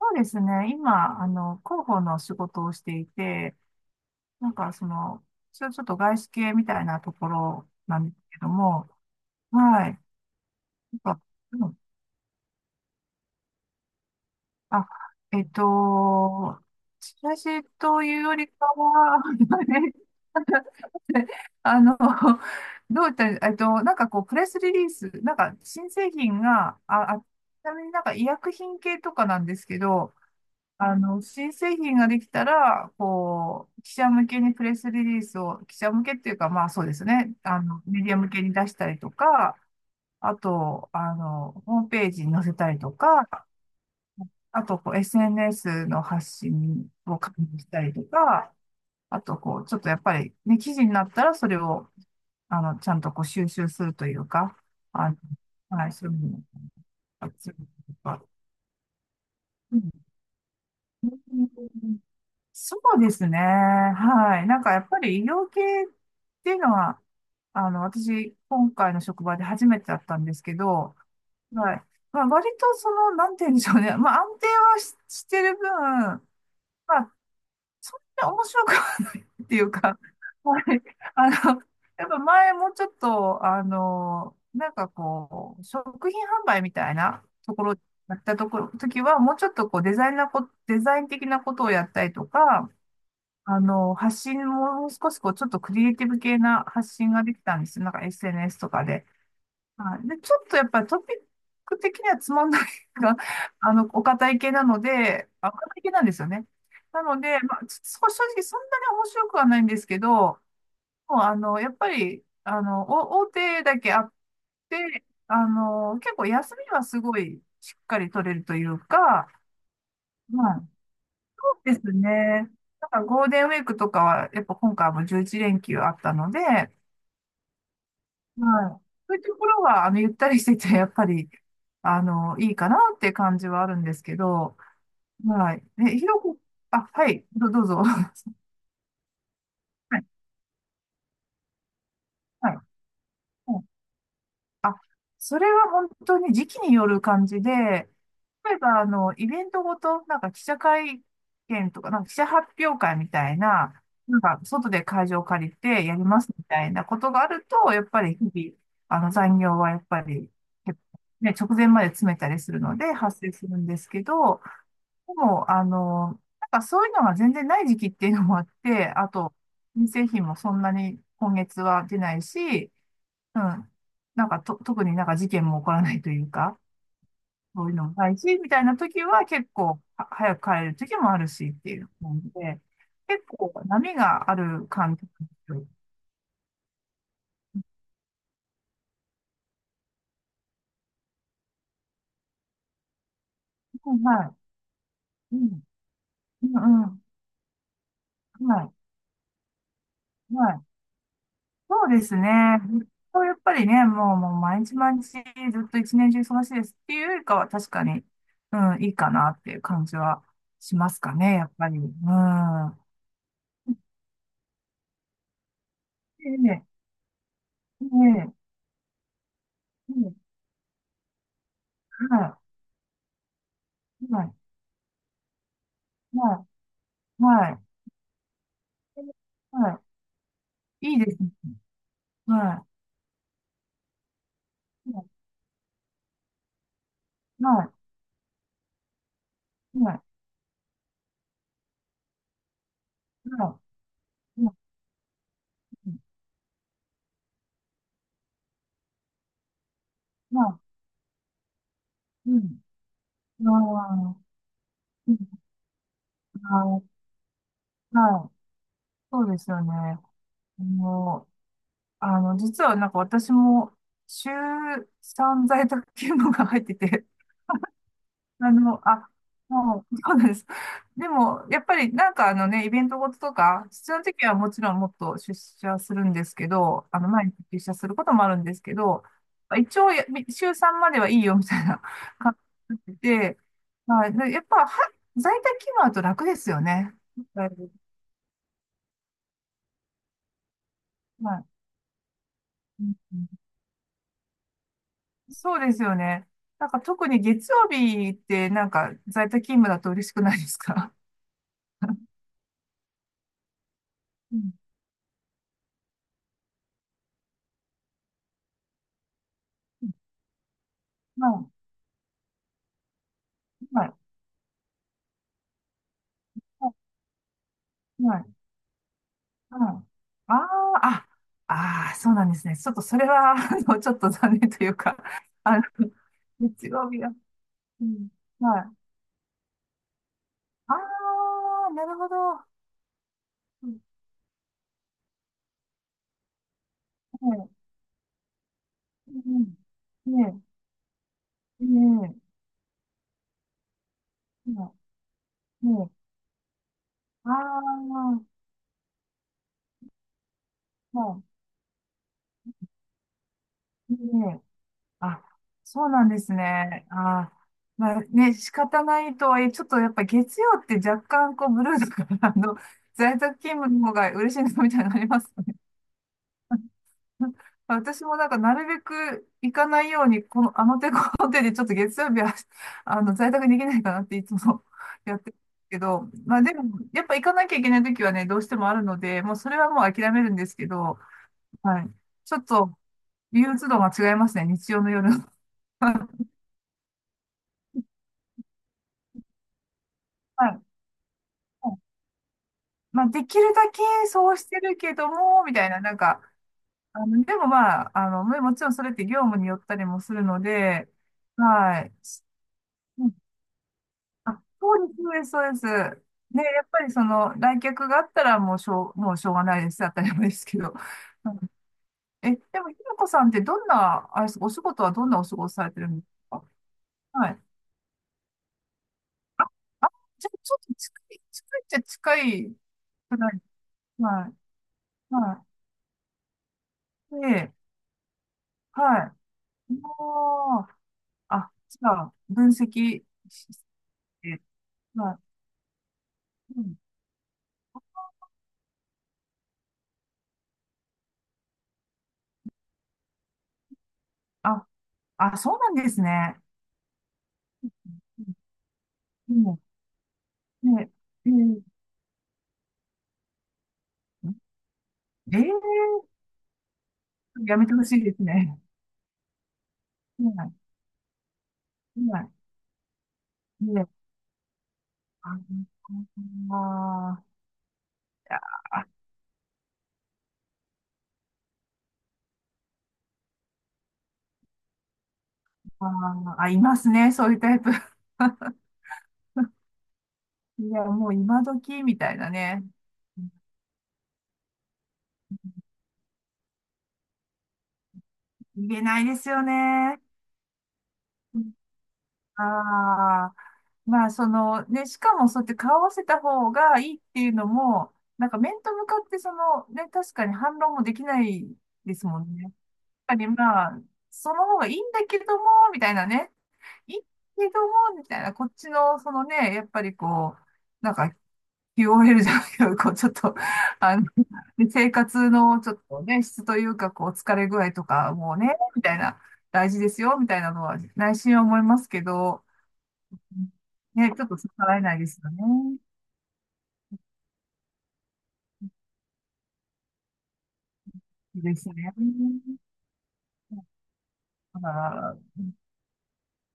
そうですね。今、広報の仕事をしていて、なんかその、ちょっと外資系みたいなところなんですけども、はい。なんか、うん、あ、えっと、チラシというよりかは、あの、どういったら、なんかこう、プレスリリース、なんか新製品が、ちなみになんか医薬品系とかなんですけど、新製品ができたら、こう、記者向けにプレスリリースを、記者向けっていうか、まあそうですね、メディア向けに出したりとか、あと、ホームページに載せたりとか、あと、こう、SNS の発信を確認したりとか、あと、こう、ちょっとやっぱり、ね、記事になったら、それを、ちゃんとこう、収集するというか、あの、はい、そういうのを、あ、そういうのとか、うん、そうですね。はい。なんかやっぱり医療系っていうのは、私、今回の職場で初めてだったんですけど、はい。まあ、割とその、なんて言うんでしょうね。まあ、安定はし、してる分、まあ、そんな面白くはないっていうか、はい。あの、やっぱ前もうちょっと、なんかこう、食品販売みたいなところ、やったところ、時は、もうちょっとこう、デザイン的なことをやったりとか、発信も少しこう、ちょっとクリエイティブ系な発信ができたんですよ。なんか SNS とかで。はい。で、ちょっとやっぱりトピック的にはつまんないが、お堅い系なので、あ、お堅い系なんですよね。なので、まあ、ちょ正直そんなに面白くはないんですけど、もうやっぱり、お大手だけあって、結構休みはすごいしっかり取れるというか、はいですね。なんかゴールデンウィークとかは、やっぱ今回も11連休あったので、はい。そういうところは、ゆったりしてて、やっぱり、いいかなって感じはあるんですけど、はい。え、ひろこ、あ、はい、どうぞ。はい、はい。それは本当に時期による感じで、例えば、イベントごと、なんか記者会見とか、なんか記者発表会みたいな、なんか外で会場を借りてやりますみたいなことがあると、やっぱり日々、残業はやっぱり、結構ね、直前まで詰めたりするので発生するんですけど、でも、なんかそういうのが全然ない時期っていうのもあって、あと、人製品もそんなに今月は出ないし、うん。なんかと、特になんか事件も起こらないというか、そういうのもないし、みたいな時は結構は早く帰れる時もあるしっていう感じで、結構波がある感じなんですよ。うん、はい。うん。うん、うん。はい。はい。そうですね。そうやっぱりね、もう毎日毎日ずっと一年中忙しいですっていうよりかは確かに、うん、いいかなっていう感じはしますかね、やっぱり。うん。ええ、ええ、ええ、はい。はい。はい、はい、はい。いいですね。はい、はい、はい、はい、はい、はい、はい、うん。あー、うん、あー、はい、そうですよね。もう、実はなんか私も、週3在宅勤務が入ってて、あの、あ、もう、そうなんです。でも、やっぱりなんかあのね、イベントごととか、必要な時はもちろんもっと出社するんですけど、毎日出社することもあるんですけど、一応や、週3まではいいよみたいな 感じで、はい、でやっぱは、在宅勤務だと楽ですよね。だいぶ、はい。うん、うん、そうですよね。なんか特に月曜日ってなんか在宅勤務だと嬉しくないですか？ うん、はい。はい。はい。うん。ああ、あ、あ、あそうなんですね。ちょっとそれは、ちょっと残念というか、あの、日曜日は、うん、はい。ああ、なるほど。うん、ねえ、うん、ねえ、ねえ、ねえ、ねえ、ああ、はい、ねえ、あ、そうなんですね。ああ、まあね、仕方ないとはいえ、ちょっとやっぱ月曜って若干こうブルーだから、在宅勤務の方が嬉しいなみたいなのあります？ 私もなんか、なるべく行かないように、この、あの手この手で、ちょっと月曜日は、在宅できないかなっていつも やってるけど、まあでも、やっぱ行かなきゃいけない時はね、どうしてもあるので、もうそれはもう諦めるんですけど、はい。ちょっと、憂鬱度が違いますね、日曜の夜。はい。まあ、できるだけそうしてるけども、みたいな、なんか、でもまあ、もちろんそれって業務によったりもするので、はい。あ、そうです、そうです、そうです。ね、やっぱりその来客があったらもうしょうがないです。当たり前ですけど。うん。え、でも、ひろこさんってどんな、あれです、お仕事はどんなお仕事されてるんですか？はい。あ、じゃあちょっと近いっちゃ近いくらい。はい。はい。で、はい。もう、あ、じゃあ、分析して、はい。うん、あ、あ、そうなんですね。うん、ね、えー、えー、やめてほしいですね。はい。いない。ね、ああー、あーあ、いますね、そういうタイプ。いや、もう今時みたいなね。言えないですよね。ああ、まあ、その、ね、しかもそうやって顔合わせた方がいいっていうのも、なんか面と向かって、その、ね、確かに反論もできないですもんね。やっぱりまあ、その方がいいんだけども、みたいなね。いいけども、みたいな、こっちの、そのね、やっぱりこう、なんか、QOL じゃないけど、こう、ちょっと、あの、で生活のちょっとね、質というか、こう、疲れ具合とか、もうね、みたいな、大事ですよ、みたいなのは、内心は思いますけど、ね、ちょっと逆らえないですよね。ですね。だから、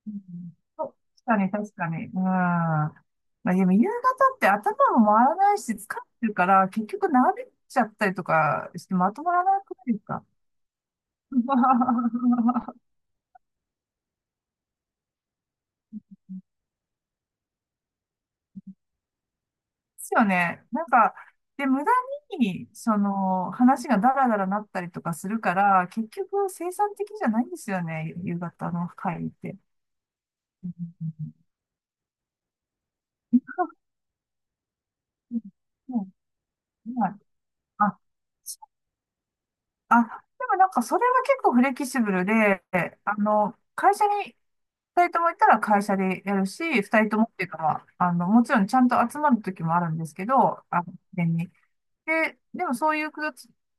うん、そう、確かに、確かに。うん。まあ、でも夕方って頭も回らないし、疲れてるから、結局長引いちゃったりとかして、まとまらなくないですか？ ですよね。なんか、で、無駄に、その、話がダラダラなったりとかするから、結局生産的じゃないんですよね、夕方の会って。うん、うん、うん、うん、うん、うん、はい。あ、あ、でもなんかそれは結構フレキシブルで、会社に二人とも行ったら会社でやるし、二人ともっていうか、まあ、もちろんちゃんと集まる時もあるんですけど、事前に。で、でもそういう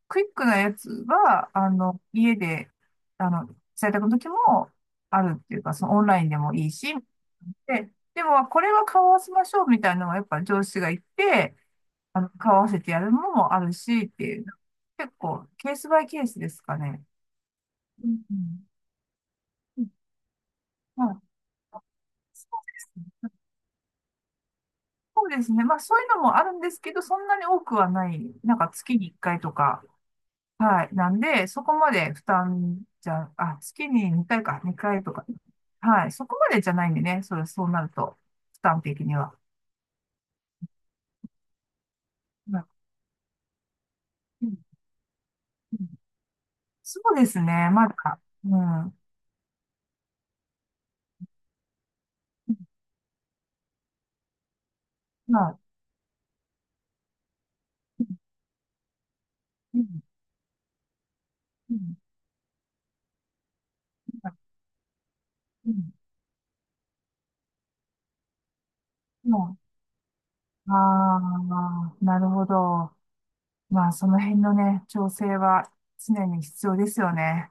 クイックなやつは、家で、あの、在宅の時もあるっていうか、そのオンラインでもいいし、でもこれは顔を合わせましょうみたいなのがやっぱ上司が言って、買わせてやるのもあるしっていう、結構、ケースバイケースですかね。うん、うん、うん。まあ、そうですね。そうですね。まあ、そういうのもあるんですけど、そんなに多くはない。なんか月に1回とか。はい。なんで、そこまで負担じゃ、あ、月に2回か、2回とか。はい。そこまでじゃないんでね。それ、そうなると、負担的には。まあ、うん、うん、そうですね。まだ、うん。うん、まあ、うん、うん、うん、うん、うん、ああ、なるほど。まあ、その辺のね、調整は常に必要ですよね。